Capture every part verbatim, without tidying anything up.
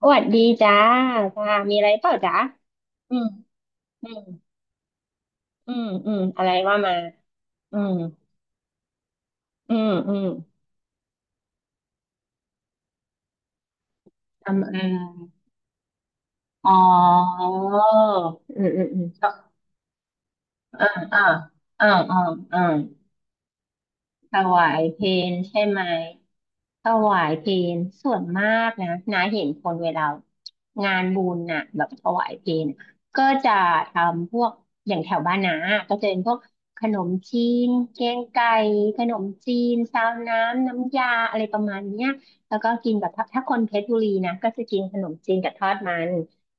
สวัสดีจ้าจ้ามีอะไรเปล่าจ้าอืมอืมอืมอืมอะไรว่ามาอืมอืมอืมทำเองอ๋ออืมอืมอืมออ่าอ่าอ่าอ่า ถวายเพลใช่ไหมถวายเพลส่วนมากนะนาเห็นคนเวลางานบุญน่ะแบบถวายเพลก็จะทำพวกอย่างแถวบ้านนาก็จะเป็นพวกขนมจีนแกงไก่ขนมจีนซาวน้ำน้ำยาอะไรประมาณเนี้ยแล้วก็กินกับถ้าถ้าคนเพชรบุรีนะก็จะกินขนมจีนกับทอดมัน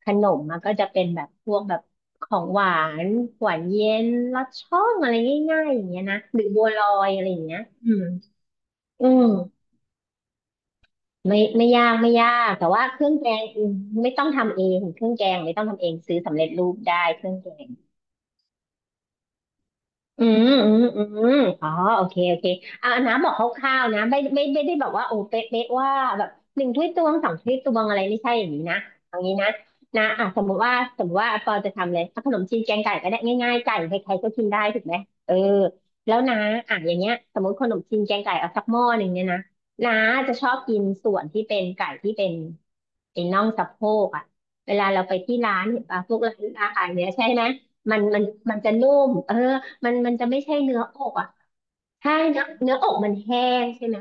ขนมมันก็จะเป็นแบบพวกแบบของหวานหวานเย็นลัดช่องอะไรง่ายๆอย่างเงี้ยนะหรือบัวลอยอะไรอย่างเงี้ยอืมอืมไม่ไม่ยากไม่ยากแต่ว่าเครื่องแกงอืมไม่ต้องทำเองเครื่องแกงไม่ต้องทำเองซื้อสำเร็จรูปได้เครื่องแกง อืมอืมอืมอ๋อโอเค โอเคอ่าน้ำบอกคร่าวๆนะไม่ไม่ไม่ได้บอกว่าโอ้เป๊ะเป๊ะว่าแบบหนึ่งถ้วยตวงสองถ้วยตวงอะไรไม่ใช่อย่างนี้นะเอางี้นะนะอ่ะสมมติว่าสมมติว่าปอจะทำเลยเอาขนมจีนแกงไก่ก็ได้ง่ายๆไก่ใครๆก็กินได้ถูกไหมเออแล้วนะอ่ะอย่างเงี้ยสมมติขนมจีนแกงไก่เอาสักหม้อหนึ่งเนี่ยนะน้าจะชอบกินส่วนที่เป็นไก่ที่เป็นเป็นน่องสะโพกอ่ะเวลาเราไปที่ร้านเห็นป่ะพวกร้านอาหารเนี้ยใช่ไหมมันมันมันจะนุ่มเออ มันมันจะไม่ใช่เนื้ออกอ่ะถ้าเนื้อเนื้ออกมันแห้งใช่ไหม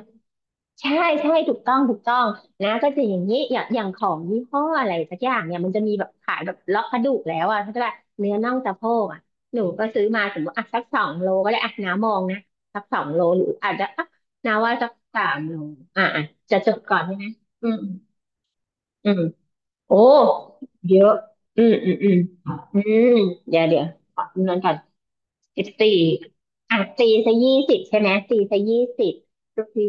ใช่ใช่ถูกต้องถูกต้องนะก็จะอย่างนี้อย่างอย่างของยี่ห้ออะไรสักอย่างเนี่ยมันจะมีแบบขายแบบเลาะกระดูกแล้วอ่ะถ้าจะแบบเนื้อน่องสะโพกอ่ะหนูก็ซื้อมาสมมติอ่ะสักสองโลก็ได้อ่ะน้ามองนะสักสองโลหรืออาจจะอ่ะน้าว่าสักสามโลอ่ะอ่ะจะจบก่อนใช่ไหมอืมอืมโอ้เยอะอืมอืมอืมอืมเดี๋ยวเดี๋ยวขอดูนั้นก่อน สิบสี่อ่ะตีซะยี่สิบใช่ไหมตีซะยี่สิบทุกที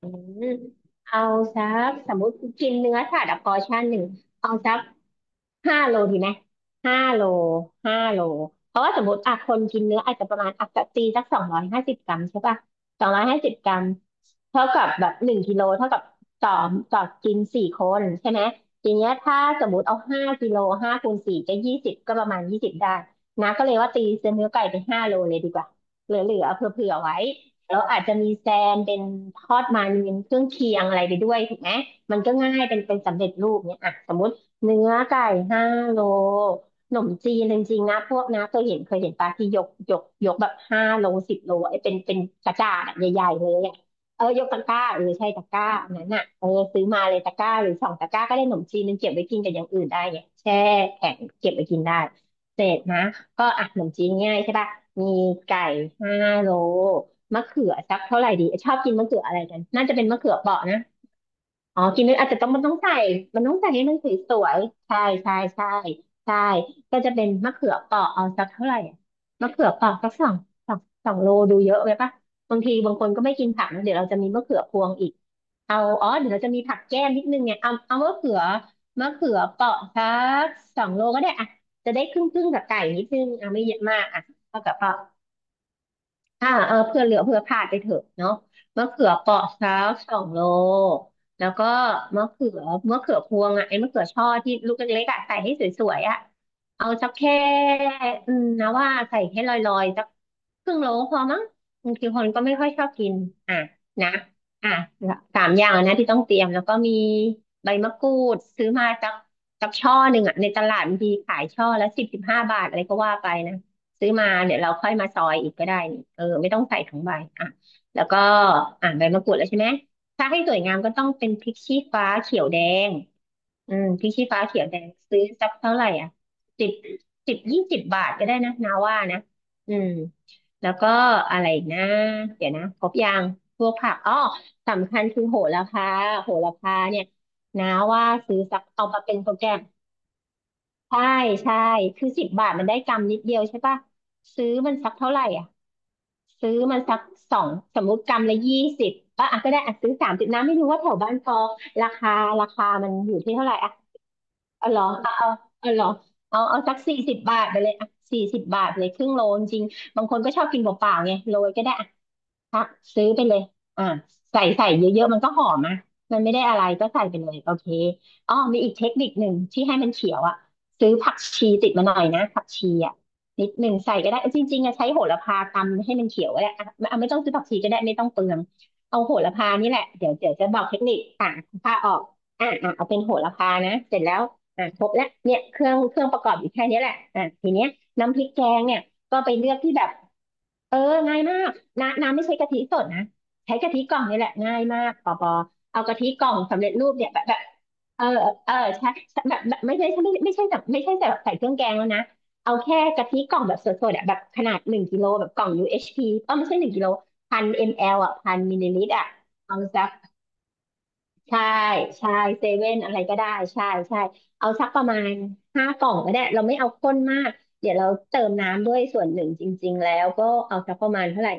อืมเอาสักสมมติกินเนื้อสัตว์อะพอชั่นหนึ่งเอาสักห้าโลดีไหมห้าโลห้าโลเพราะว่าสมมติอ่ะคนกินเนื้ออาจจะประมาณอ่ะตีสักสองร้อยห้าสิบกรัมใช่ป่ะสองร้อยห้าสิบกรัมเท่ากับแบบหนึ่งกิโลเท่ากับต่อต่อกินสี่คนใช่ไหมทีเนี้ยถ้าสมมติเอาห้ากิโลห้าคูณสี่ก็ยี่สิบก็ประมามาณยี่สิบได้นะก็เลยว่าตีเนื้อไก่ไปห้าโลเลยดีกว่าเหลือๆเอาเผื่อๆไว้ แล้วอาจจะมีแซมเป็นทอดมันเป็นเครื่องเคียงอะไรไปด้วยถูกไหมมันก็ง่ายเป็นเป็นสำเร็จรูปเนี่ยอ่ะสมมติเนื้อไก่ห้าโลขนมจีนจริงๆนะพวกนะเคยเห็นเคยเห็นปลาที่ยกยกยกแบบห้าโลสิบโลไอ้เป็นเป็นกระจาดอะใหญ่ๆเลยอะเออยกตะกร้าเออใช่ตะกร้าอันนั้นอ่ะเออซื้อมาเลยตะกร้าหรือสองตะกร้าก็ได้ขนมจีนนึงเก็บไว้กินกับอย่างอื่นได้ไงแช่แข็งเก็บไว้กินได้เสร็จนะก็อ่ะขนมจีนง่ายใช่ปะมีไก่ห้าโล มะเขือสักเท่าไหร่ดีชอบกินมะเขืออะไรกันน่าจะเป็นมะเขือเปราะนะอ๋อกินไม่อาจจะต้องมันต้องใส่มันต้องใส่ให้มันสวยๆใช่ใช่ใช่ใช่ก็จะเป็นมะเขือเปราะเอาสักเท่าไหร่อะมะเขือเปราะสักสองสองสองโลดูเยอะไปปะบางทีบางคนก็ไม่กินผักนะเดี๋ยวเราจะมีมะเขือพวงอีกเอาอ๋อเดี๋ยวเราจะมีผักแก้มนิดนึงเนี่ยเอาเอามะเขือมะเขือเปราะสักสองโลก็ได้อะจะได้ครึ่งๆกับไก่นิดนึงอ่ะไม่เยอะมากอ่ะเอากับเปราะ อ่าเออเพื่อเหลือเพื่อพลาดไปเถอะเนาะมะเขือเปราะสักสองโลแล้วก็มะเขือมะเขือพวงอ่ะไอ้มะเขือช่อที่ลูกเล็กๆอ่ะใส่ให้สวยๆอ่ะเอาสักแค่อืมนะว่าใส่ให้ลอยๆสักครึ่งโลพอมั้งบางทีคนก็ไม่ค่อยชอบกินอ่ะนะอ่ะสามอย่างนะที่ต้องเตรียมแล้วก็มีใบมะกรูดซื้อมาสักสักช่อหนึ่งอ่ะในตลาดบางทีขายช่อละสิบสิบห้าบาทอะไรก็ว่าไปนะ ซื้อมาเดี๋ยวเราค่อยมาซอยอีกก็ได้นี่เออไม่ต้องใส่ทั้งใบอ่ะแล้วก็อ่ะใบมะกรูดแล้วใช่ไหมถ้าให้สวยงามก็ต้องเป็นพริกชี้ฟ้าเขียวแดงอืมพริกชี้ฟ้าเขียวแดงซื้อสักเท่าไหร่อ่ะสิบสิบยี่สิบบาทก็ได้นะนาว่านะอืมแล้วก็อะไรอีกนะเดี๋ยวนะครบยังพวกผักอ๋อสำคัญคือโหระพาโหระพาเนี่ยนะว่าซื้อสักเอามาเป็นโปรแกรม ใช่ใช่คือสิบบาทมันได้กำนิดเดียวใช่ปะซื้อมันสักเท่าไหร่อ่ะซื้อมันสักสองสมมุติกำละยี่สิบก็อ่ะก็ได้อ่ะซื้อสามสิบนะไม่รู้ว่าแถวบ้านพอราคาราคามันอยู่ที่เท่าไหร่อ่ะเอาเหรอเอาเอาเอาเหรอเอาเอาสักสี่สิบบาทไปเลยอ่ะสี่สิบบาทเลยครึ่งโลจริงๆบางคนก็ชอบกินเปล่าๆไงโรยก็ได้ ซักซื้อไปเลยอ่าใส่ใส่เยอะๆมันก็หอมอ่ะมันไม่ได้อะไรก็ใส่ไปเลยโอเคอ๋อมีอีกเทคนิคหนึ่งที่ให้มันเขียวอ่ะซื้อผักชีติดมาหน่อยนะผักชีอ่ะนิดหนึ่งใส่ก็ได้จริงๆอะใช้โหระพาตำให้มันเขียวก็ได้อ่ะอ่ะไม่ต้องซื้อผักชีก็ได้ไม่ต้องเปลืองเอาโหระพานี่แหละเดี๋ยวเดี๋ยวจะบอกเทคนิคอ่ะผ้าออกอ่ะอ่ะเอาเป็นโหระพานะเสร็จแล้วอ่ะครบแล้วเนี่ยเครื่องเครื่องประกอบอยู่แค่นี้แหละอ่ะทีเนี้ยน้ำพริกแกงเนี่ยก็ไปเลือกที่แบบ เออง่ายมากน้ำน้ำไม่ใช้กะทิสดนะ ใช้กะทิกล่องนี่แหละง่ายมากปอปอเอากะทิกล่องสำเร็จรูปเนี่ยแบบแบบเออเออใช่แบบแบบไม่ใช่ไม่ไม่ใช่แบบไม่ใช่แบบใส่เครื่องแกงแล้วนะเอาแค่กะทิกล่องแบบสดๆอ่ะแบบขนาดหนึ่งกิโลแบบกล่อง ยู เอช ที เอชพีเออไม่ใช่หนึ่งกิโลพันมลอ่ะพันมิลลิลิตรอ่ะเอาสักใช่ใช่เซเว่นอะไรก็ได้ใช่ใช่เอาสักประมาณห้ากล่องก็ได้ เราไม่เอาข้นมาก เดี๋ยวเราเติมน้ำด้วยส่วนหนึ่งจริงๆแล้วก็เอาสักประมาณเท่าไหร่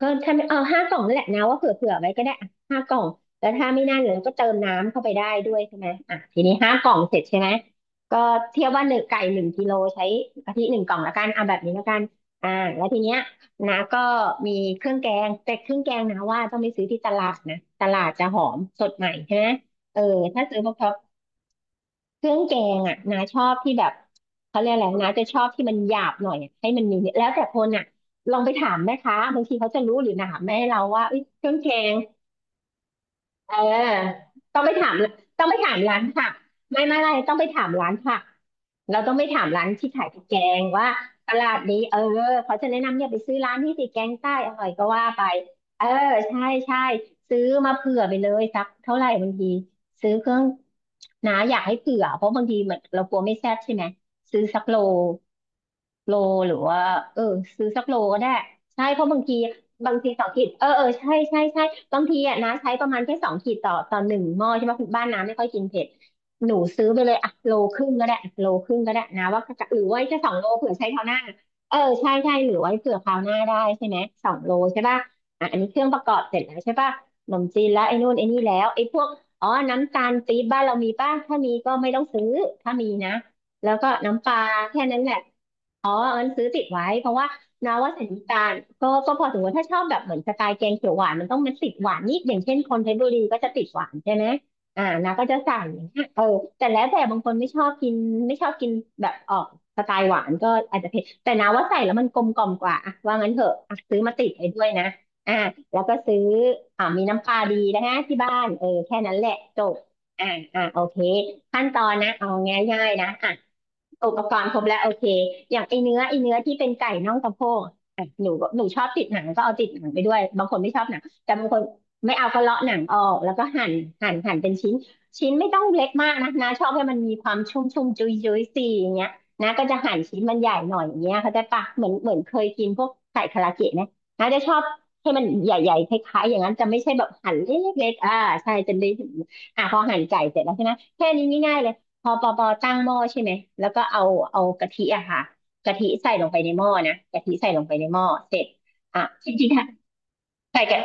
ก็ถ้าไม่เอาห้ากล่องนั่นแหละนะว่าเผื่อเผื่อไว้ก็ได้อ่ะห้ากล่องแล้วถ้าไม่นั่นเราก็เติมน้ำเข้าไปได้ด้วยใช่ไหมอ่ะทีนี้ห้ากล่องเสร็จใช่ไหมก็เทียบว่าหนึ่งไก่หนึ่งกิโลใช้กะทิหนึ่งกล่องละกันเอาแบบนี้ละกันอ่าแล้วทีเนี้ยนะก็มีเครื่องแกงแต่เครื่องแกงนะว่าต้องไปซื้อที่ตลาดนะตลาดจะหอมสดใหม่ใช่ไหมเออถ้าซื้อพวก เครื่องแกงอ่ะนาชอบที่แบบเขาเรียกอะไรนาจะชอบที่มันหยาบหน่อยอะให้มันมีเนี่ยแล้วแต่คนอ่ะลองไปถามแม่ค้าบางทีเขาจะรู้หรือถามแม่เราว่าเอ้ยเครื่องแกง เออต้องไปถามต้องไปถามร้านผักไม่ไม่ไม่ต้องไปถามร้านผักเราต้องไปถามร้านที่ขายพริกแกงว่าตลาดนี้เออเขาจะแนะนำเนี่ยไปซื้อร้านที่ติดแกงใต้อร่อยก็ว่าไปเออ ใช่ใช่ซื้อมาเผื่อไปเลยสักเท่าไหร่บางทีซื้อเครื่องนะอยากให้เผื่อเพราะบางทีมันเรากลัวไม่แซ่บใช่ไหมซื้อสักโลโลหรือว่าเออซื้อสักโลก็ได้ใช่เพราะบางที บางทีสองขีดเออเออใช่ใช่ใช่บางทีอ่ะนะใช้ประมาณแค่สองขีดต่อต่อหนึ่งหม้อใช่ไหมคุณบ้านน้ำไม่ค่อยกินเผ็ดหนูซื้อไปเลยอ่ะโลครึ่งก็ได้อ่ะโลครึ่งก็ได้นะว่าจะหรือไว้แค่สองโลเผื่อใช้คราวหน้าเออใช่ใช่หรือไว้เผื่อคราวหน้าได้ใช่ไหมสองโลใช่ป่ะอ่ะอันนี้เครื่องประกอบเสร็จแล้วใช่ป่ะขนมจีนแล้วไอ้นู่นไอ้นี่แล้วไอ้พวกอ๋อน้ำตาลปี๊บบ้านเรามีป่ะถ้ามีก็ไม่ต้องซื้อถ้ามีนะแล้วก็น้ำปลาแค่นั้นแหละ อ๋อเอิญซื้อติดไว้เพราะว่านาว่าสถานการณ์ก็ก็พอถือว่าถ้าชอบแบบเหมือนสไตล์แกงเขียวหวานมันต้องมันติดหวานนิดอย่างเช่นคนเพชรบุรีก็จะติดหวานใช่ไหมอ่านาก็จะสั่งอย่างเงี้ยเออแต่แล้วแต่บางคนไม่ชอบกินไม่ชอบกินแบบออกสไตล์หวานก็อาจจะเผ็ดแต่นาว่าใส่แล้วมันกลมกล่อมกว่าอะว่างั้นเถอะอะซื้อมาติดไว้ด้วยนะอ่าแล้วก็ซื้ออ่ามีน้ำปลาดีนะฮะที่บ้านเออแค่นั้นแหละจบอ่าอ่าโอเคขั้นตอนนะเอาง่ายๆนะอ่ะ อุปกรณ์ครบแล้วโอเคอย่างไอเนื้อไอเนื้อที่เป็นไก่น่องสะโพกอ่ะหนูก็หนูชอบติดหนังก็เอาติดหนังไปด้วยบางคนไม่ชอบหนังแต่บางคนไม่เอาก็เลาะหนังออกแล้วก็หั่นหั่นหั่นเป็นชิ้นชิ้นไม่ต้องเล็กมากนะนะชอบให้มันมีความชุ่มชุ่มจุยจุยสีอย่างเงี้ยนะก็จะหั่นชิ้นมันใหญ่หน่อยอย่างเงี้ยเขาใจปะเหมือนเหมือนเคยกินพวกไก่คาราเกะนะนะจะชอบให้มันใหญ่ๆคล้ายๆอย่างนั้นจะไม่ใช่แบบหั่นเล็กๆอ่าใช่จะได้อ่ะพอหั่นไก่เสร็จแล้วใช่ไหมแค่นี้ง่ายๆเลย พอปอปอตั้งหม้อใช่ไหม แล้วก็เอาเอากะทิอะค่ะกะทิใส่ลงไปในหม้อนะกะทิใส่ลงไปในหม้อเสร็จอ่ะจริงๆ่ใส่กะ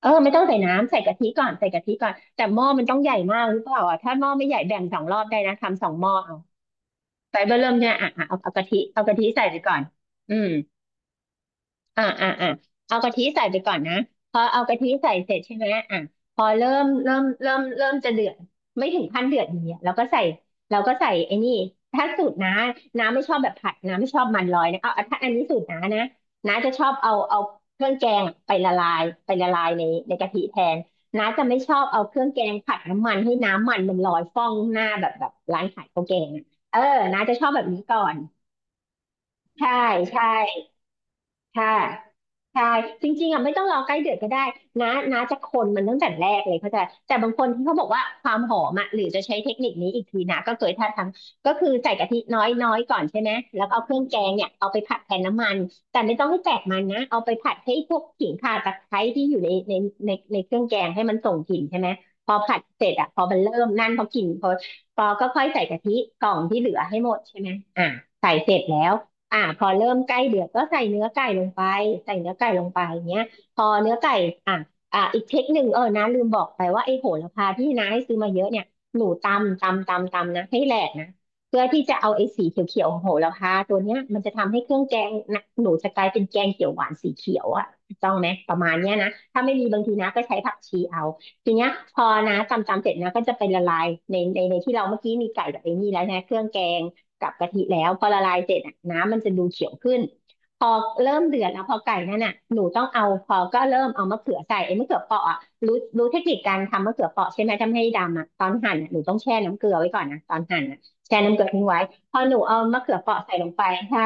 เออไม่ต้องใส่น้ำใส่กะทิก่อนใส่กะทิก่อนแต่หม้อมันต้องใหญ่มากหรือเปล่าอ่ะถ้าหม้อไม่ใหญ่แบ่งสองรอบได้นะทำสองหม้อเอาไฟเบอร์เริ่มเนี่ยอ่ะอ่ะเอาเอากะทิเอากะทิใส่ไปก่อนอืม อ่าอ่าอ่าเอากะทิใส่ไปก่อนนะพอเอากะทิใส่เสร็จใช่ไหมอ่ะพอเริ่มเริ่มเริ่มเริ่มจะเดือดไม่ถึงขั้นเดือดอย่างเงี้ยเราก็ใส่เราก็ใส่ไอ้นี่ถ้าสูตรน้าน้าไม่ชอบแบบผัดน้าไม่ชอบมันลอยนะเอาถ้าอันนี้สูตรน้านะน้าจะชอบเอาเอาเครื่องแกงไปละลายไปละลายในในกะทิแทนน้าจะไม่ชอบเอาเครื่องแกงผัดน้ำมันให้น้ำมันมันลอยฟ่องหน้าแบบแบบร้านขายข้าวแกงอะเออน้าจะชอบแบบนี้ก่อนใช่ใช่ ค่ะใช่จริงๆอ่ะไม่ต้องรอใกล้เดือดก็ได้นะนะจะคนมันตั้งแต่แรกเลยเข้าใจแต่บางคนที่เขาบอกว่าความหอมอ่ะหรือจะใช้เทคนิคนี้อีกทีนะก็เคยถ้าทำก็คือใส่กะทิน้อยๆก่อนใช่ไหมแล้วก็เอาเครื่องแกงเนี่ยเอาไปผัดแทนน้ำมันแต่ไม่ต้องให้แตกมันนะเอาไปผัดให้พวกขิงข่าตะไคร้ที่อยู่ในในในในเครื่องแกงให้มันส่งกลิ่นใช่ไหมพอผัดเสร็จอ่ะพอมันเริ่มนั่นพอกลิ่นพอพอก็ค่อยใส่กะทิกล่องที่เหลือให้หมดใช่ไหมอ่ะใส่เสร็จแล้ว อ่าพอเริ่มใกล้เดือดก็ใส่เนื้อไก่ลงไปใส่เนื้อไก่ลงไปอย่างเงี้ยพอเนื้อไก่อ่าอ่าอีกเทคนิคเออนะลืมบอกไปว่าไอ้โหระพาที่น้าให้ซื้อมาเยอะเนี่ยหนูตำตำตำตำนะให้แหลกนะเพื่อที่จะเอาไอ้สีเขียวๆของโหระพาตัวเนี้ยมันจะทำให้เครื่องแกงนะหนูจะกลายเป็นแกงเขียวหวานสีเขียวอ่ะถูกต้องไหมประมาณเนี้ยนะถ้าไม่มีบางทีนะก็ใช้ผักชีเอาทีเนี้ยพอนะตำตำเสร็จนะก็จะไปละลายในในในที่เราเมื่อกี้มีไก่กับไอ้นี่แล้วนะเครื่องแกง กับกะทิแล้วพอละลายเสร็จอะน้ำมันจะดูเขียวขึ้นพอเริ่มเดือดแล้วพอไก่นั่นน่ะหนูต้องเอาพอก็เริ่มเอามะเขือใส่ไอ้มะเขือเปราะอ่ะรู้รู้เทคนิคการทำมะเขือเปราะใช่ไหมทำให้ดำอ่ะตอนหั่นอะหนูต้องแช่น้ำเกลือไว้ก่อนนะตอนหั่นอ่ะแช่น้ำเกลือทิ้งไว้พอหนูเอามะเขือเปราะใส่ลงไปใช่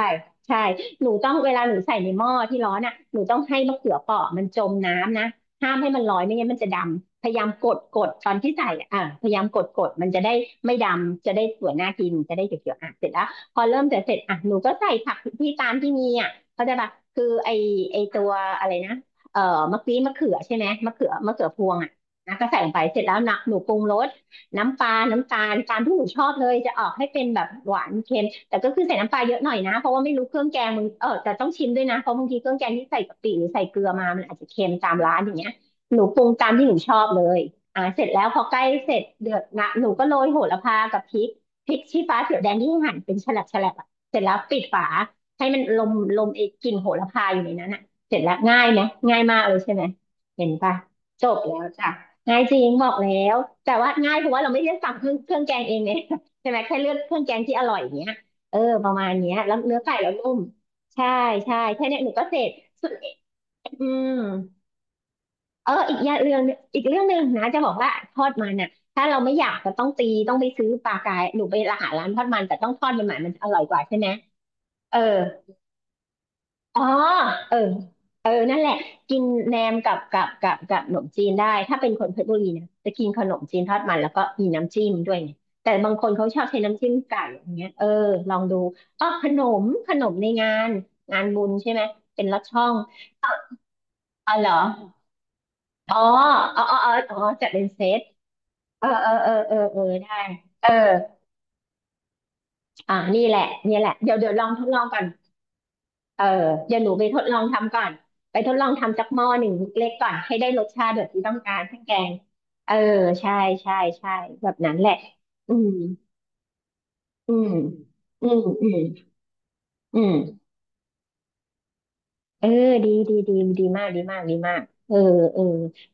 ใช่หนูต้องเวลาหนูใส่ในหม้อที่ร้อนอ่ะหนูต้องให้มะเขือเปราะมันจมน้ำนะห้ามให้มันลอยไม่งั้นมันจะดำ พยายามกดกดตอนที่ใส่อ่ะพยายามกดกดมันจะได้ไม่ดำ จะได้สวยน่ากินจะได้เขียวๆอ่ะเสร็จแล้วพอเริ่มจะเสร็จอ่ะหนูก็ใส่ผักที่ตามที่มีอ่ะเขาใจปะคือไอไอตัวอะไรนะเอ่อมะกรี้มะเขือใช่ไหม มะเขือมะเขือพวงอ่ะนะก็ใส่ลงไปเสร็จแล้วนะหนูปรุงรสน้ำปลาน้ำตาลตามที่หนูชอบเลยจะออกให้เป็นแบบหวานเค็มแต่ก็คือใส่น้ำปลาเยอะหน่อยนะเพราะว่าไม่รู้เครื่องแกงมึงเออแต่ต้องชิมด้วยนะเพราะบางทีเครื่องแกงที่ใส่กะปิหรือใส่เกลือมามันอาจจะเค็มตามร้านอย่างเงี้ย หนูปรุงตามที่หนูชอบเลยอ่าเสร็จแล้วพอใกล้เสร็จเดือดนะหนูก็โรยโหระพากับพริกพริกชี้ฟ้าเขียวแดงที่หั่นเป็นแฉลบแฉลบอ่ะเสร็จแล้วปิดฝาให้มันลมลมไอ้กลิ่นโหระพาอยู่ในนั้นอ่ะเสร็จแล้วง่ายไหมง่ายมากเลยใช่ไหมเห็นปะจบแล้วจ้ะง่ายจริงบอกแล้วแต่ว่าง่ายเพราะว่าเราไม่ได้สั่งเครื่องเครื่องแกงเองเนี่ย ใช่ไหมแค่เลือกเครื่องแกงที่อร่อยอย่างเงี้ยเออประมาณเนี้ยแล้วเนื้อไก่เรานุ่มใช่ใช่แค่เนี้ยหนูก็เสร็จสุดอืม เอออีกอย่างเรื่องอีกเรื่องหนึ่งนะจะบอกว่าทอดมันน่ะถ้าเราไม่อยากจะต้องตีต้องไปซื้อปลากายหนูไปร้านหาร้านทอดมันแต่ต้องทอดมันใหม่มันจะอร่อยกว่าใช่ไหมเอออ๋อเออเออนั่นแหละกินแหนมกับกับกับกับขนมจีนได้ถ้าเป็นคนเพชรบุรีนะจะกินขนมจีนทอดมันแล้วก็มีน้ำจิ้มด้วยไงแต่บางคนเขาชอบใช้น้ำจิ้มไก่อย่างเงี้ยเออลองดูอ๋อขนมขนมในงานงานบุญใช่ไหมเป็นลอดช่องอ๋อเหรอ อ๋ออ๋ออ๋ออ๋ออ๋อจัดเป็นเซตเออเออเออเออเออได้เอออ่านี่แหละนี่แหละ เดี๋ยวเดี๋ยวลองทดลองก่อนเออเดี๋ยวหนูไปทดลองทำก่อน ไปทดลองทำจักหม้อหนึ่งเล็กๆก่อนให้ได้รสชาติแบบที่ต้องการทั้งแกงเออใช่ใช่ใช่แบบนั้นแหละอืมอืมอืมอืมอืม เออดีดีดีดีมากดีมากดีมากเออเออ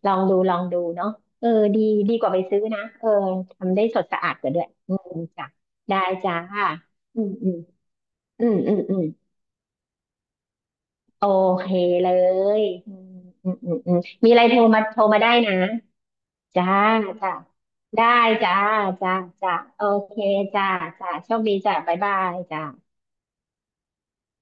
ลองดู ลองดูเนาะเออดีดีกว่าไปซื้อนะเออทำได้สดสะอาดกว่าด้วยอืมจ้ะได้จ้าอืมอืมอืมอืมอืมโอเคเลยอืมอืมอืมอืมมีอะไรโทรมาโทรมาได้นะ จ้าจ้าได้จ้าจ้าจ้า โอเคจ้าจ้าโชคดีจ้าบ๊ายบายจ้า